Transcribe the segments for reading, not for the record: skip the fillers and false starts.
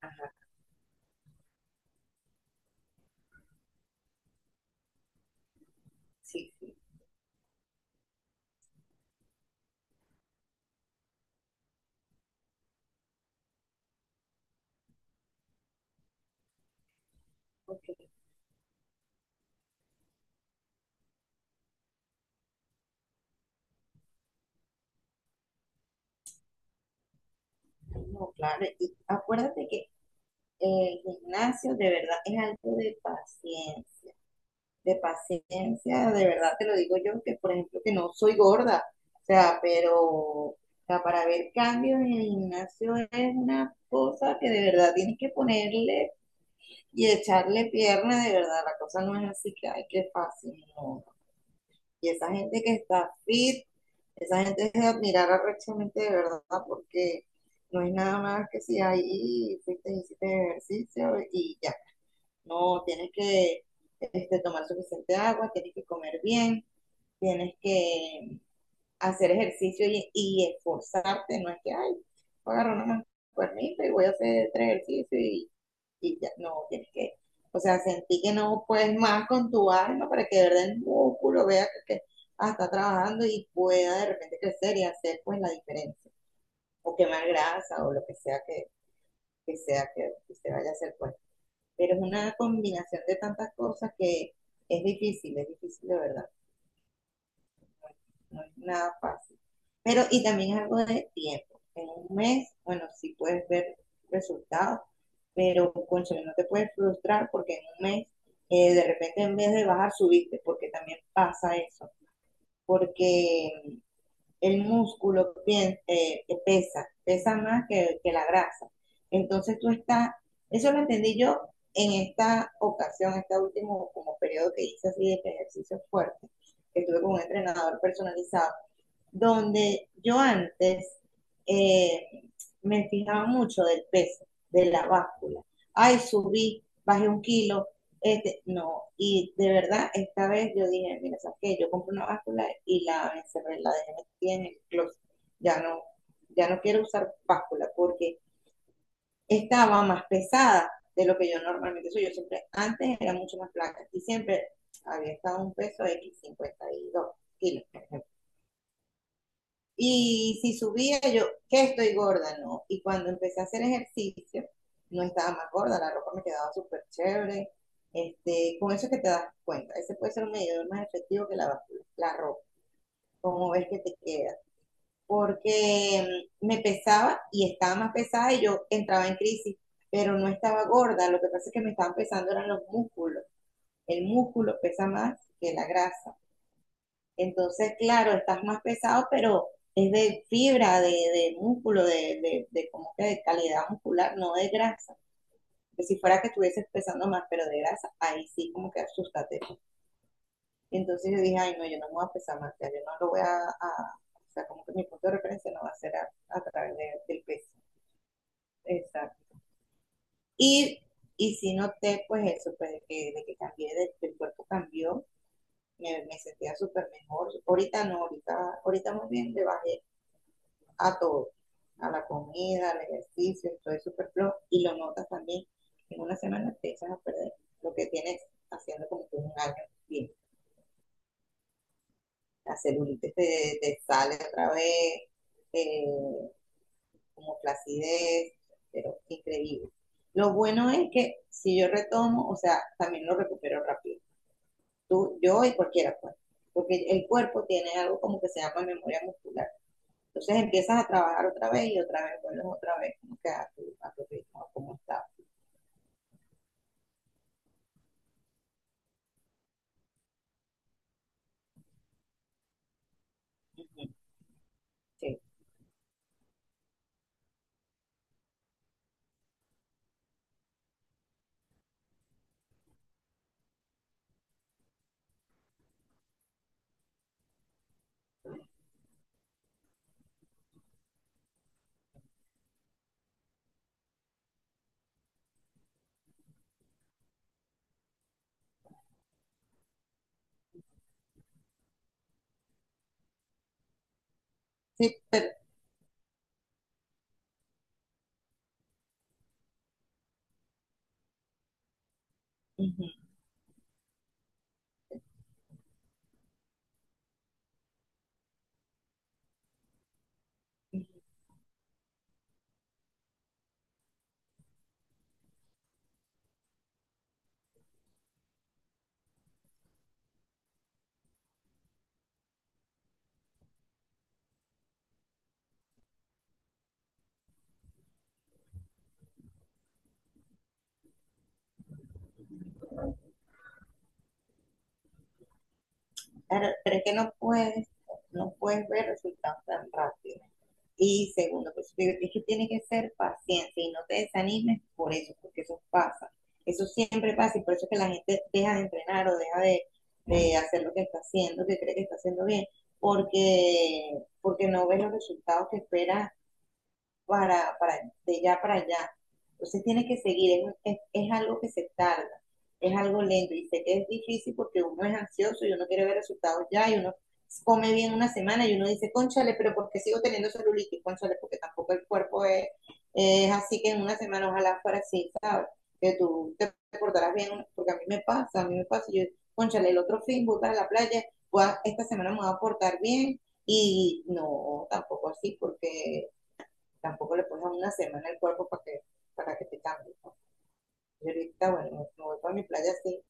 Ajá, sí, sí. Ok, no, claro. Y acuérdate que el gimnasio de verdad es algo de paciencia. De paciencia, de verdad te lo digo yo, que por ejemplo que no soy gorda. O sea, para ver cambios en el gimnasio es una cosa que de verdad tienes que ponerle y echarle pierna, de verdad. La cosa no es así que, ay, qué fácil, no. Y esa gente que está fit, esa gente es de admirar arrechamente de verdad, porque no es nada más que si ahí fuiste y hiciste ejercicio y ya. No, tienes que tomar suficiente agua, tienes que comer bien, tienes que hacer ejercicio y esforzarte, no es que, ay, voy a agarrar una cuernita y voy a hacer tres ejercicios y ya, no, tienes que, o sea, sentí que no puedes más con tu alma para que de verdad el músculo vea que está trabajando y pueda de repente crecer y hacer pues la diferencia, o quemar grasa o lo que sea que se vaya a hacer pues. Pero es una combinación de tantas cosas que es difícil de verdad. No es nada fácil. Pero, y también es algo de tiempo. En un mes, bueno, sí puedes ver resultados, pero, cónchale, no te puedes frustrar porque en un mes, de repente en vez de bajar, subiste, porque también pasa eso. Porque el músculo pesa más que la grasa. Entonces tú estás, eso lo entendí yo en esta ocasión, este último como periodo que hice así de ejercicio fuerte, que estuve con un entrenador personalizado, donde yo antes, eh, me fijaba mucho del peso, de la báscula. Ay, subí, bajé un kilo, no. Y de verdad, esta vez yo dije, mira, ¿sabes qué? Yo compré una báscula y la encerré, la dejé metida en el closet. Ya no, ya no quiero usar báscula porque estaba más pesada de lo que yo normalmente soy. Yo siempre, antes era mucho más flaca y siempre había estado un peso X52 kilos, por ejemplo. Y si subía yo, que estoy gorda, no. Y cuando empecé a hacer ejercicio, no estaba más gorda, la ropa me quedaba súper chévere. Con eso es que te das cuenta. Ese puede ser un medidor más efectivo que la ropa, como ves que te queda. Porque me pesaba y estaba más pesada y yo entraba en crisis, pero no estaba gorda. Lo que pasa es que me estaban pesando eran los músculos. El músculo pesa más que la grasa. Entonces, claro, estás más pesado, pero es de fibra, de músculo, de como que de calidad muscular, no de grasa. Que si fuera que estuvieses pesando más, pero de grasa, ahí sí como que asústate. Entonces yo dije, ay, no, yo no me voy a pesar más, ya yo no lo voy o sea, como que mi punto de referencia no va a ser a través del peso. Exacto. Y, y sí noté, pues eso, pues de que cambié, de el cuerpo cambió, me sentía súper mejor. Ahorita no, ahorita muy bien, le bajé a todo, a la comida, al ejercicio, todo es superfluo y lo notas también, en una semana te echas a perder lo que tienes haciendo como que un año bien. La celulitis te sale otra vez, eh, como flacidez pero increíble. Lo bueno es que si yo retomo, o sea, también lo recupero rápido. Tú, yo y cualquiera, pues. Porque el cuerpo tiene algo como que se llama memoria muscular. Entonces empiezas a trabajar otra vez y otra vez vuelves otra vez como que a tu, ritmo, a cómo estás. Sí, sí, pero ujú. Pero es que no puedes ver resultados tan rápido. Y segundo, pues es que tienes que ser paciente y no te desanimes por eso, porque eso pasa. Eso siempre pasa y por eso es que la gente deja de entrenar o deja de hacer lo que está haciendo, que cree que está haciendo bien, porque no ves los resultados que esperas para, para, de ya para allá. Entonces tiene que seguir, es algo que se tarda, es algo lento y sé que es difícil porque uno es ansioso y uno quiere ver resultados ya y uno come bien una semana y uno dice, cónchale, pero ¿por qué sigo teniendo celulitis? Cónchale, porque tampoco el cuerpo es así, que en una semana ojalá fuera así, ¿sabes? Que tú te portarás bien, porque a mí me pasa, a mí me pasa, yo, cónchale, el otro fin voy para la playa, esta semana me voy a portar bien y no, tampoco así, porque tampoco le pones una semana el cuerpo para que te cambie. ¿No? Y ahorita, bueno, me voy para mi playa así,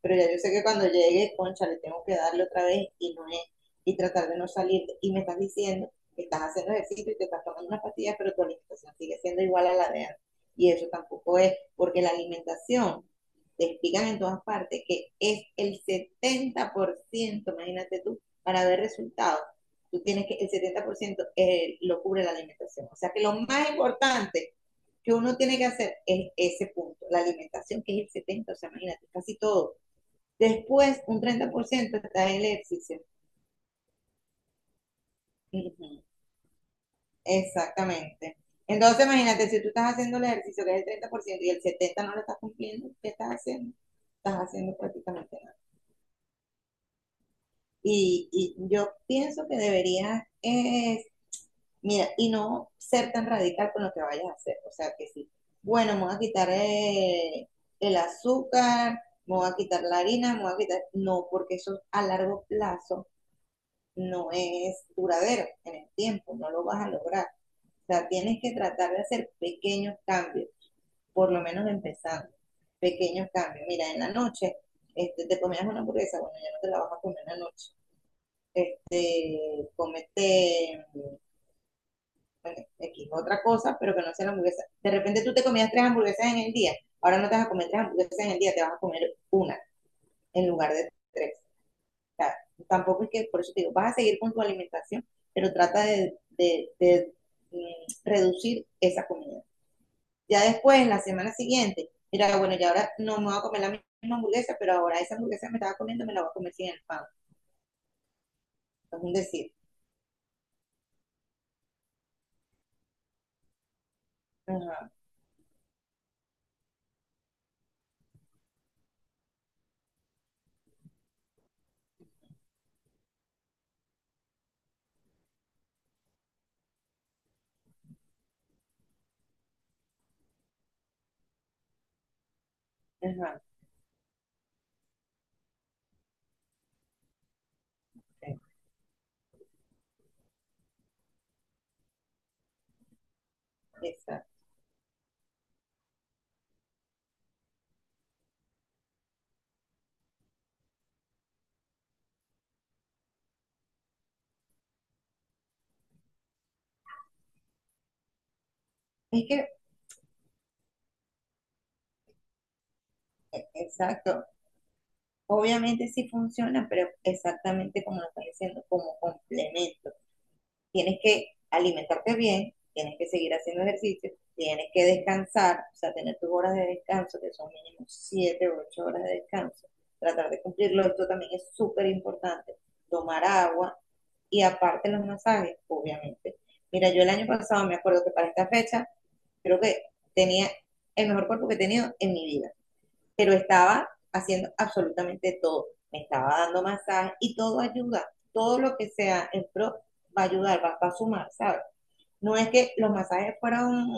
pero ya yo sé que cuando llegue, concha, le tengo que darle otra vez y no es, y tratar de no salir. Y me estás diciendo que estás haciendo ejercicio y te estás tomando unas pastillas, pero tu alimentación sigue siendo igual a la de antes. Y eso tampoco es, porque la alimentación, te explican en todas partes que es el 70%, imagínate tú, para ver resultados, tú tienes que, el 70% lo cubre la alimentación. O sea que lo más importante que uno tiene que hacer es ese punto, la alimentación, que es el 70%, o sea, imagínate, casi todo. Después, un 30% está el ejercicio. Ujú. Exactamente. Entonces, imagínate, si tú estás haciendo el ejercicio que es el 30% y el 70% no lo estás cumpliendo, ¿qué estás haciendo? Estás haciendo prácticamente nada. Y yo pienso que deberías, mira, y no ser tan radical con lo que vayas a hacer. O sea, que sí, bueno, me voy a quitar, el azúcar, me voy a quitar la harina, me voy a quitar... No, porque eso a largo plazo no es duradero en el tiempo, no lo vas a lograr. O sea, tienes que tratar de hacer pequeños cambios, por lo menos empezando, pequeños cambios. Mira, en la noche, te comías una hamburguesa, bueno, ya no te la vas a comer en la noche. Comete, bueno, X, otra cosa, pero que no sea la hamburguesa. De repente tú te comías tres hamburguesas en el día, ahora no te vas a comer tres hamburguesas en el día, te vas a comer una en lugar de tres. Sea, tampoco es que, por eso te digo, vas a seguir con tu alimentación, pero trata de reducir esa comida. Ya después, en la semana siguiente, mira, bueno, ya ahora no me voy a comer la misma hamburguesa, pero ahora esa hamburguesa me estaba comiendo, me la voy a comer sin el pan. Es un decir. Ajá, ajá, okay, exacto. Es que, exacto, obviamente sí funciona, pero exactamente como lo estás diciendo, como complemento. Tienes que alimentarte bien, tienes que seguir haciendo ejercicio, tienes que descansar, o sea, tener tus horas de descanso, que son mínimo 7 o 8 horas de descanso, tratar de cumplirlo, esto también es súper importante, tomar agua y aparte los masajes, obviamente. Mira, yo el año pasado me acuerdo que para esta fecha creo que tenía el mejor cuerpo que he tenido en mi vida, pero estaba haciendo absolutamente todo. Me estaba dando masajes y todo ayuda. Todo lo que sea en pro va a ayudar, va, va a sumar, ¿sabes? No es que los masajes fueron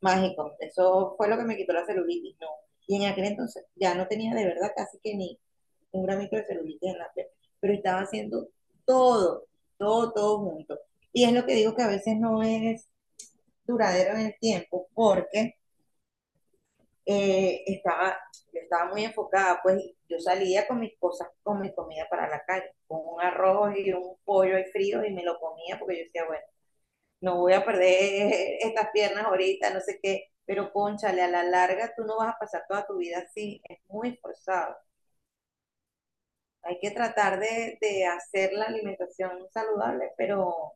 mágicos. Eso fue lo que me quitó la celulitis, no. Y en aquel entonces ya no tenía de verdad casi que ni un gramito de celulitis en la piel, pero estaba haciendo todo, todo, todo junto. Y es lo que digo que a veces no es duradero en el tiempo, porque eh, estaba, yo estaba muy enfocada, pues yo salía con mis cosas, con mi comida para la calle, con un arroz y un pollo ahí frío y me lo comía porque yo decía, bueno, no voy a perder estas piernas ahorita, no sé qué, pero cónchale, a la larga tú no vas a pasar toda tu vida así, es muy forzado. Hay que tratar de hacer la alimentación saludable, pero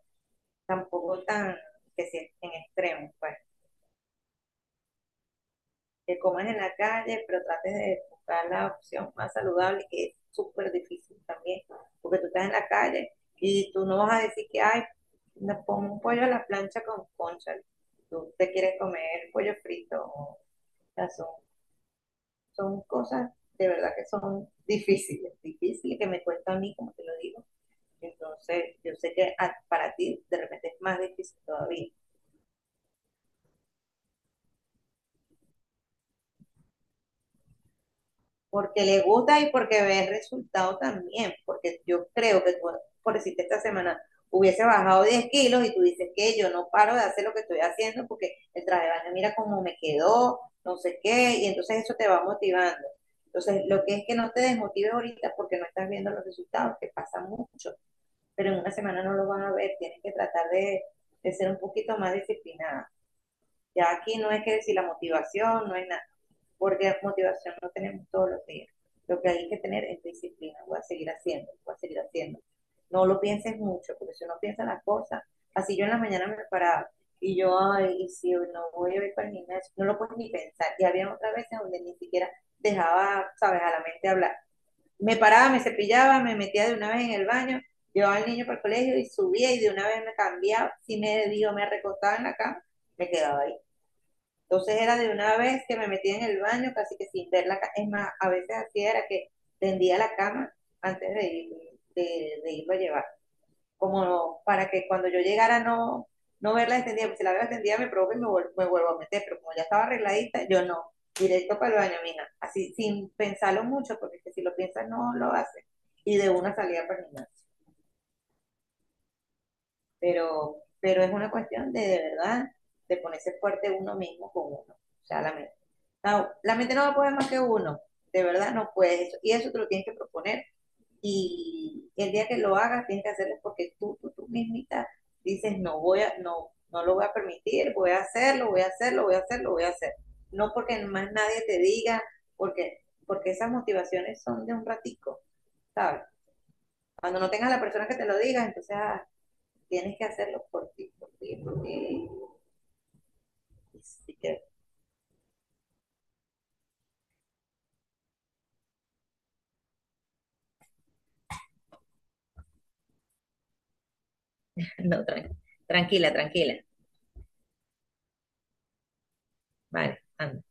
tampoco tan que si en extremo, pues. Que comas en la calle, pero trates de buscar la opción más saludable, que es súper difícil también, porque tú estás en la calle y tú no vas a decir que, ay, me pongo un pollo a la plancha con concha, tú te quieres comer pollo frito, o sea, son, son cosas de verdad que son difíciles, difíciles, que me cuesta a mí, como te lo digo. Entonces, yo sé que para ti de repente es más difícil todavía. Porque le gusta y porque ve el resultado también, porque yo creo que tú, por decirte esta semana, hubiese bajado 10 kilos y tú dices que yo no paro de hacer lo que estoy haciendo porque el traje de baño mira cómo me quedó, no sé qué, y entonces eso te va motivando. Entonces, lo que es que no te desmotives ahorita porque no estás viendo los resultados, que pasa mucho, pero en una semana no lo van a ver, tienes que tratar de ser un poquito más disciplinada. Ya aquí no es que decir la motivación, no es nada, porque motivación no tenemos todos los días. Lo que hay que tener es disciplina, voy a seguir haciendo, voy a seguir haciendo. No lo pienses mucho, porque si uno piensa las cosas, así yo en la mañana me paraba y yo, ay, y si no voy a ir para el gimnasio, no lo puedes ni pensar. Y había otras veces donde ni siquiera dejaba, sabes, a la mente hablar. Me paraba, me cepillaba, me metía de una vez en el baño, llevaba al niño para el colegio y subía y de una vez me cambiaba, si me dio, me recostaba en la cama, me quedaba ahí, entonces era de una vez que me metía en el baño, casi que sin ver la cama. Es más, a veces así era que tendía la cama antes de ir, de irlo a llevar. Como para que cuando yo llegara no, no verla extendida, porque si la veo extendida me provoca y me, vuelvo a meter, pero como ya estaba arregladita, yo no, directo para el baño, mija, así sin pensarlo mucho, porque es que si lo piensas no lo haces, y de una salida para el gimnasio. Pero es una cuestión de verdad, de ponerse fuerte uno mismo con uno, o sea, la mente. No, la mente no va a poder más que uno, de verdad no puedes eso, y eso te lo tienes que proponer, y el día que lo hagas tienes que hacerlo porque tú mismita dices, no voy a, no, no lo voy a permitir, voy a hacerlo, voy a hacerlo, voy a hacerlo, voy a hacer. No porque más nadie te diga, porque, porque esas motivaciones son de un ratico, ¿sabes? Cuando no tengas a la persona que te lo diga, entonces, ah, tienes que hacerlo por ti, porque... No, tranquila, tranquila. Vale, anda.